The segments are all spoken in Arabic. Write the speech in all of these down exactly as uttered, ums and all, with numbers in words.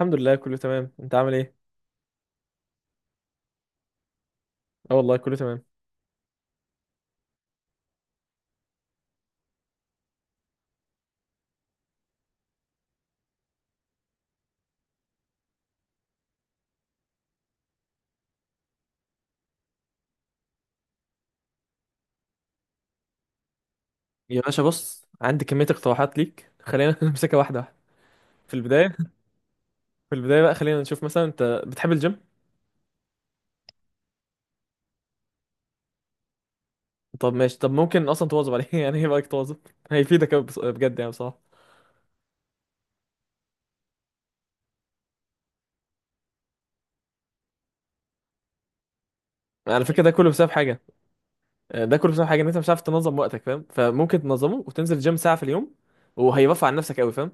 الحمد لله كله تمام. انت عامل ايه؟ اه والله كله تمام. يا باشا بص عندي كمية اقتراحات ليك، خلينا نمسكها واحدة واحدة. في البداية في البداية بقى خلينا نشوف، مثلا انت بتحب الجيم؟ طب ماشي، طب ممكن اصلا تواظب عليه يعني ايه رايك تواظب؟ هيفيدك أوي، بص- بجد يعني بصراحة. على فكرة ده كله بسبب حاجة. ده كله بسبب حاجة ان انت مش عارف تنظم وقتك، فاهم؟ فممكن تنظمه وتنزل جيم ساعة في اليوم، وهيرفع عن نفسك قوي، فاهم؟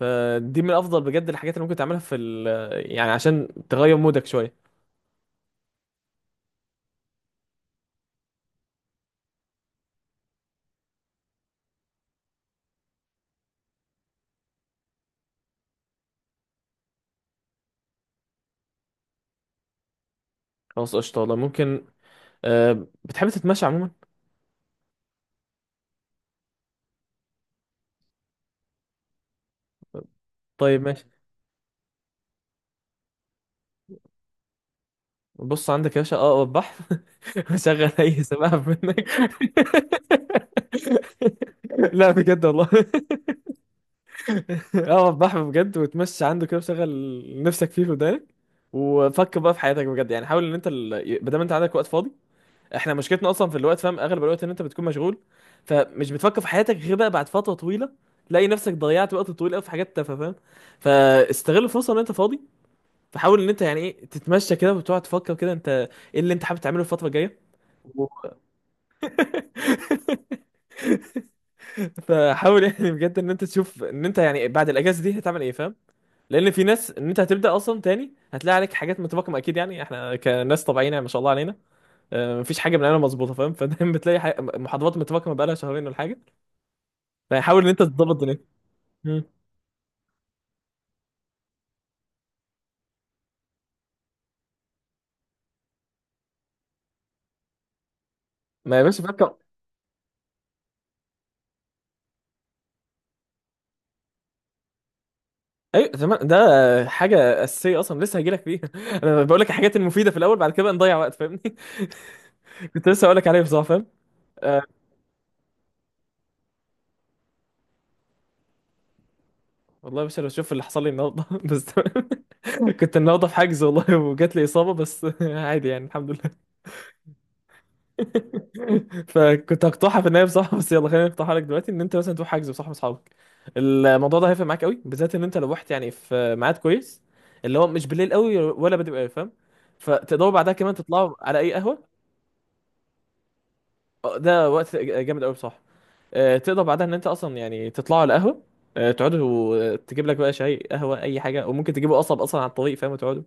فدي من افضل بجد الحاجات اللي ممكن تعملها في ال... يعني عشان تغير مودك شوية. خلاص قشطة، والله ممكن. أه بتحب تتمشى عموما؟ طيب ماشي. بص عندك يا باشا، اه وضح وشغل اي سماعه منك. لا بجد والله، اه وضح بجد، وتمشي عنده كده وشغل نفسك فيه في ودانك، وفكر بقى في حياتك بجد. يعني حاول ان انت ال... بدل ما انت عندك وقت فاضي، احنا مشكلتنا اصلا في الوقت، فاهم؟ اغلب الوقت ان انت بتكون مشغول، فمش بتفكر في حياتك غير بقى بعد فتره طويله. تلاقي نفسك ضيعت وقت طويل قوي في حاجات تافهه، فاهم؟ فاستغل الفرصه ان انت فاضي. فحاول ان انت يعني ايه تتمشى كده وتقعد تفكر كده انت، ايه اللي انت حابب تعمله الفتره الجايه؟ فحاول يعني بجد ان انت تشوف ان انت يعني بعد الاجازه دي هتعمل ايه، فاهم؟ لان في ناس ان انت هتبدا اصلا تاني هتلاقي عليك حاجات متراكمه اكيد، يعني احنا كناس طبيعيين يعني ما شاء الله علينا. آه، مفيش حاجه بنعملها مظبوطه، فاهم؟ فدايما بتلاقي حاجة محاضرات متراكمه بقالها شهرين ولا حاجه. فحاول ان انت تظبط دنيتك. مم. ما يا باشا فكر، ايوه تمام ده حاجه اساسيه اصلا، لسه هجيلك فيها انا بقول لك الحاجات المفيده في الاول، بعد كده بقى نضيع وقت، فاهمني؟ كنت لسه هقول لك عليها بصراحه، فاهم؟ آه، والله مش انا بشوف اللي حصل لي النهارده بس تمام. كنت النهارده في حجز والله، وجات لي اصابه بس عادي يعني، الحمد لله. فكنت هقطعها في النهايه بصراحه، بس يلا خلينا نقطعها لك دلوقتي، ان انت مثلا تروح حجز بصح اصحابك. الموضوع ده هيفرق معاك قوي، بالذات ان انت لو رحت يعني في ميعاد كويس، اللي هو مش بالليل قوي ولا بدري قوي، فاهم؟ فتقدروا بعدها كمان تطلعوا على اي قهوه. آه، ده وقت جامد قوي بصراحه. آه، تقدر بعدها ان انت اصلا يعني تطلعوا على قهوه، آه، تقعدوا، آه، تجيب لك بقى شاي قهوه اي حاجه، وممكن تجيبوا قصب اصلا على الطريق، فاهم؟ وتقعدوا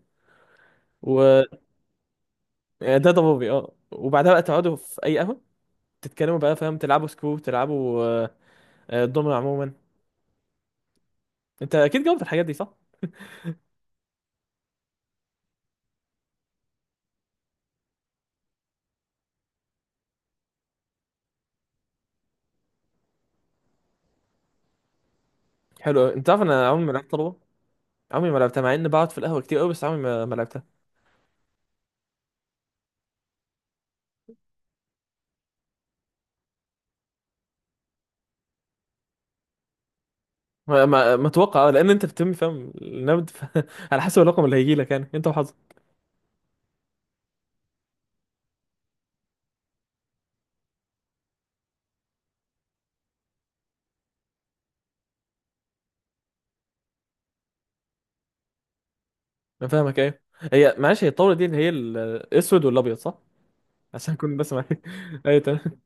و ده ده ضبابي اه. وبعدها بقى تقعدوا في اي قهوه تتكلموا بقى، فاهم؟ تلعبوا سكرو، تلعبوا آه، آه، دومينو عموما. انت اكيد جاوبت الحاجات دي صح؟ حلو أوي. انت عارف انا عمري ما لعبت طلبه، عمري ما لعبتها مع اني بقعد في القهوه كتير قوي، بس عمري ما ما لعبتها. ما ما- ما اتوقع آه، لان انت بتتم فاهم النبض ف... على حسب الرقم اللي هيجي لك، يعني انت وحظك. انا فاهمك ايوه. هي معلش هي الطاوله دي اللي هي ال- الاسود والابيض صح؟ عشان اكون بس معاك ايوه تمام.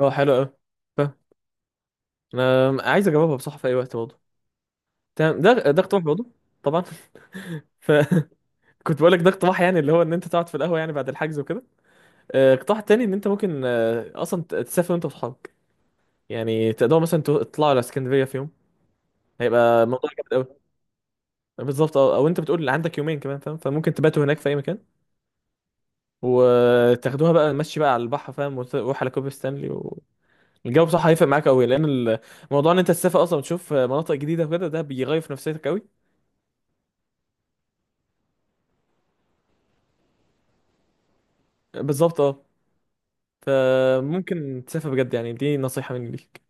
اه حلو قوي، فاهم. انا عايز اجاوبها بصح في اي وقت برضه، تمام. ده ده اقتراح برضه. طبعا فكنت بقول لك ده اقتراح، يعني اللي هو ان انت تقعد في القهوه يعني بعد الحجز وكده. آه، اقتراح تاني، ان انت ممكن آه، اصلا ت- تسافر انت واصحابك، يعني تقدروا مثلا تو- تطلعوا على اسكندريه في يوم، هيبقى موضوع جامد قوي. بالظبط اه، او انت بتقول عندك يومين كمان، فاهم؟ فممكن تباتوا هناك في اي مكان، وتاخدوها بقى مشي بقى على البحر، فاهم؟ وتروح على كوبري ستانلي. والجو بصراحه هيفرق معاك قوي، لان الموضوع ان انت تسافر اصلا وتشوف مناطق جديده وكده، ده بيغير في نفسيتك قوي. بالظبط اه، فممكن تسافر بجد، يعني دي نصيحه مني ليك.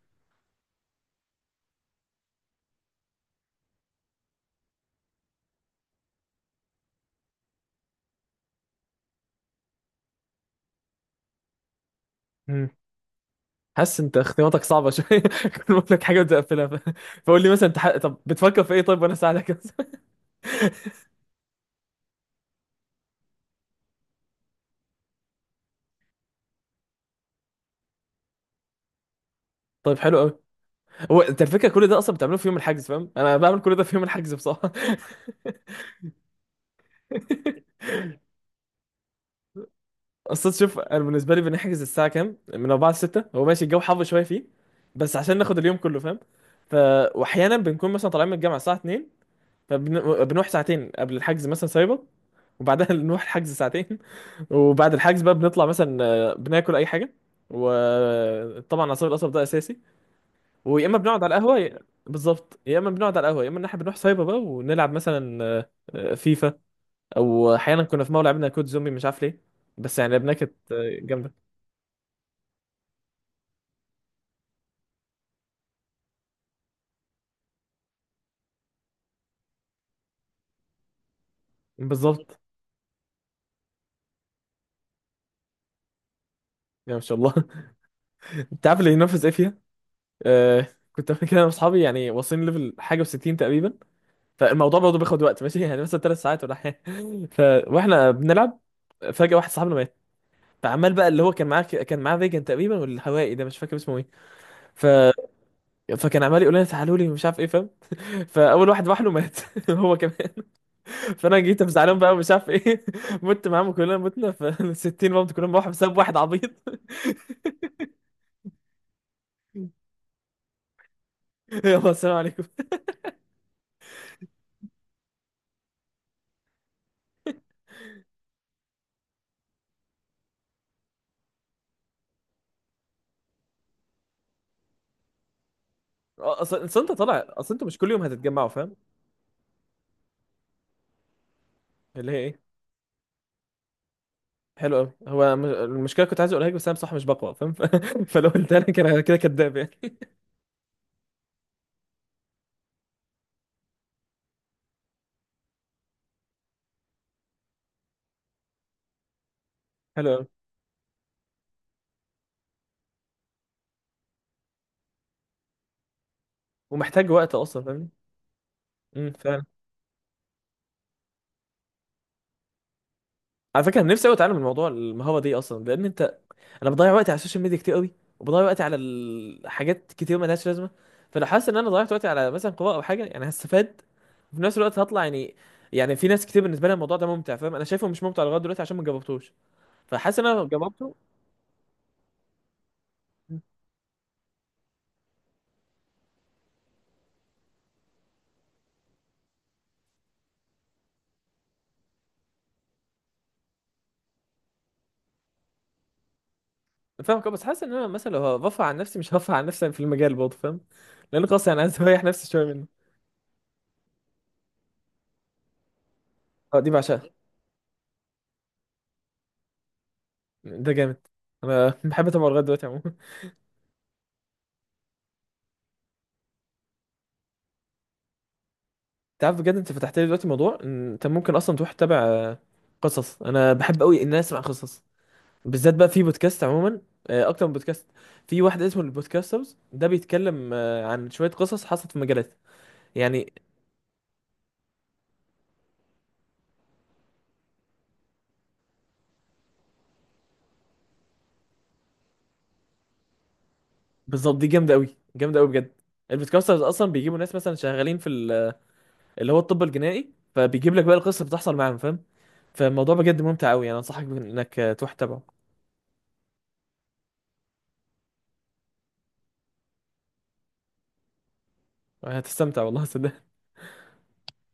حاسس انت اختياراتك صعبه شويه كل ما اقول لك حاجه بتقفلها ف... فقول لي مثلا انت ح... طب بتفكر في ايه طيب وانا اساعدك. طيب حلو قوي. هو انت الفكره كل ده اصلا بتعمله في يوم الحجز، فاهم؟ انا بعمل كل ده في يوم الحجز بصراحه. اصل شوف انا بالنسبه لي بنحجز الساعه كام، من أربعة ل ستة. هو ماشي الجو حر شويه فيه، بس عشان ناخد اليوم كله، فاهم؟ ف واحيانا بنكون مثلا طالعين من الجامعه الساعه اتنين، فبنروح ساعتين قبل الحجز مثلا سايبر، وبعدها نروح الحجز ساعتين. وبعد الحجز بقى بنطلع مثلا آه، بناكل اي حاجه، وطبعا عصير القصب ده اساسي. ويا اما بنقعد على القهوه يا- بالظبط، يا اما بنقعد على القهوه، يا اما ان احنا بنروح سايبر بقى ونلعب مثلا آه، آه، فيفا. او احيانا كنا في مره لعبنا كود زومبي، مش عارف ليه، بس يعني لعبناها كانت آه، جامده بالظبط. يا ما شاء الله انت عارف اللي ينافس ايه فيها؟ آه، كنت قبل كده انا واصحابي يعني واصلين ليفل حاجه و60 تقريبا. فالموضوع برضه بياخد وقت، ماشي يعني مثلا ثلاث ساعات ولا حاجه ف... واحنا بنلعب، فجاه واحد صاحبنا، فعمال بقى اللي هو كان معاه كان معاه فيجن تقريبا، والهوائي ده مش فاكر اسمه ايه ف... فكان عمال يقول لنا تعالوا لي ومش عارف ايه، فاهم؟ فاول واحد راح له مات هو كمان. فانا جيت افزعلهم بقى ومش عارف ايه مت معاهم، كلنا متنا، ف ستين برضه كلهم راحوا بسبب واحد عبيط. يلا السلام عليكم. اصل اصل انت طالع، اصل انتوا مش كل يوم هتتجمعوا، فاهم؟ اللي هي ايه؟ حلو قوي. هو م- المشكله كنت عايز اقولها لك، بس انا بصراحه مش بقوى، فاهم؟ ف... فلو قلتها لك انا كده كداب يعني. حلو قوي. ومحتاج وقت اصلا، فاهمني؟ امم فعلا. على فكره نفسي قوي اتعلم الموضوع المهاره دي اصلا، لان انت انا بضيع وقتي على السوشيال ميديا كتير قوي، وبضيع وقتي على الحاجات كتير ملهاش لازمه. فلو حاسس ان انا ضيعت وقتي على مثلا قراءه او حاجه يعني هستفاد، وفي نفس الوقت هطلع يعني، يعني في ناس كتير بالنسبه لها الموضوع ده ممتع، فاهم؟ انا شايفه مش ممتع لغايه دلوقتي عشان ما جربتوش. فحاسس ان انا لو جربته، فاهمك أه، بس حاسس ان انا مثلا لو هرفع عن نفسي مش هرفع عن نفسي يعني في المجال برضه، فاهم؟ لان خلاص يعني عايز اريح نفسي شويه منه. اه دي بعشقها، ده جامد. انا بحب اتابعه لغايه دلوقتي عموما. تعرف بجد انت فتحت لي دلوقتي موضوع ان انت ممكن اصلا تروح تتابع آه، قصص. انا بحب قوي ان انا اسمع قصص، بالذات بقى في بودكاست عموما. آه، اكتر من بودكاست، في واحد اسمه البودكاسترز، ده بيتكلم آه، عن شويه قصص حصلت في مجالات يعني. بالظبط، دي جامده قوي جامده قوي بجد. البودكاسترز اصلا بيجيبوا ناس مثلا شغالين في ال- اللي هو الطب الجنائي، فبيجيب لك بقى القصه بتحصل معاهم، فاهم؟ فالموضوع بجد ممتع قوي، يعني انصحك انك آه، تروح تتابعه. هتستمتع والله صدق.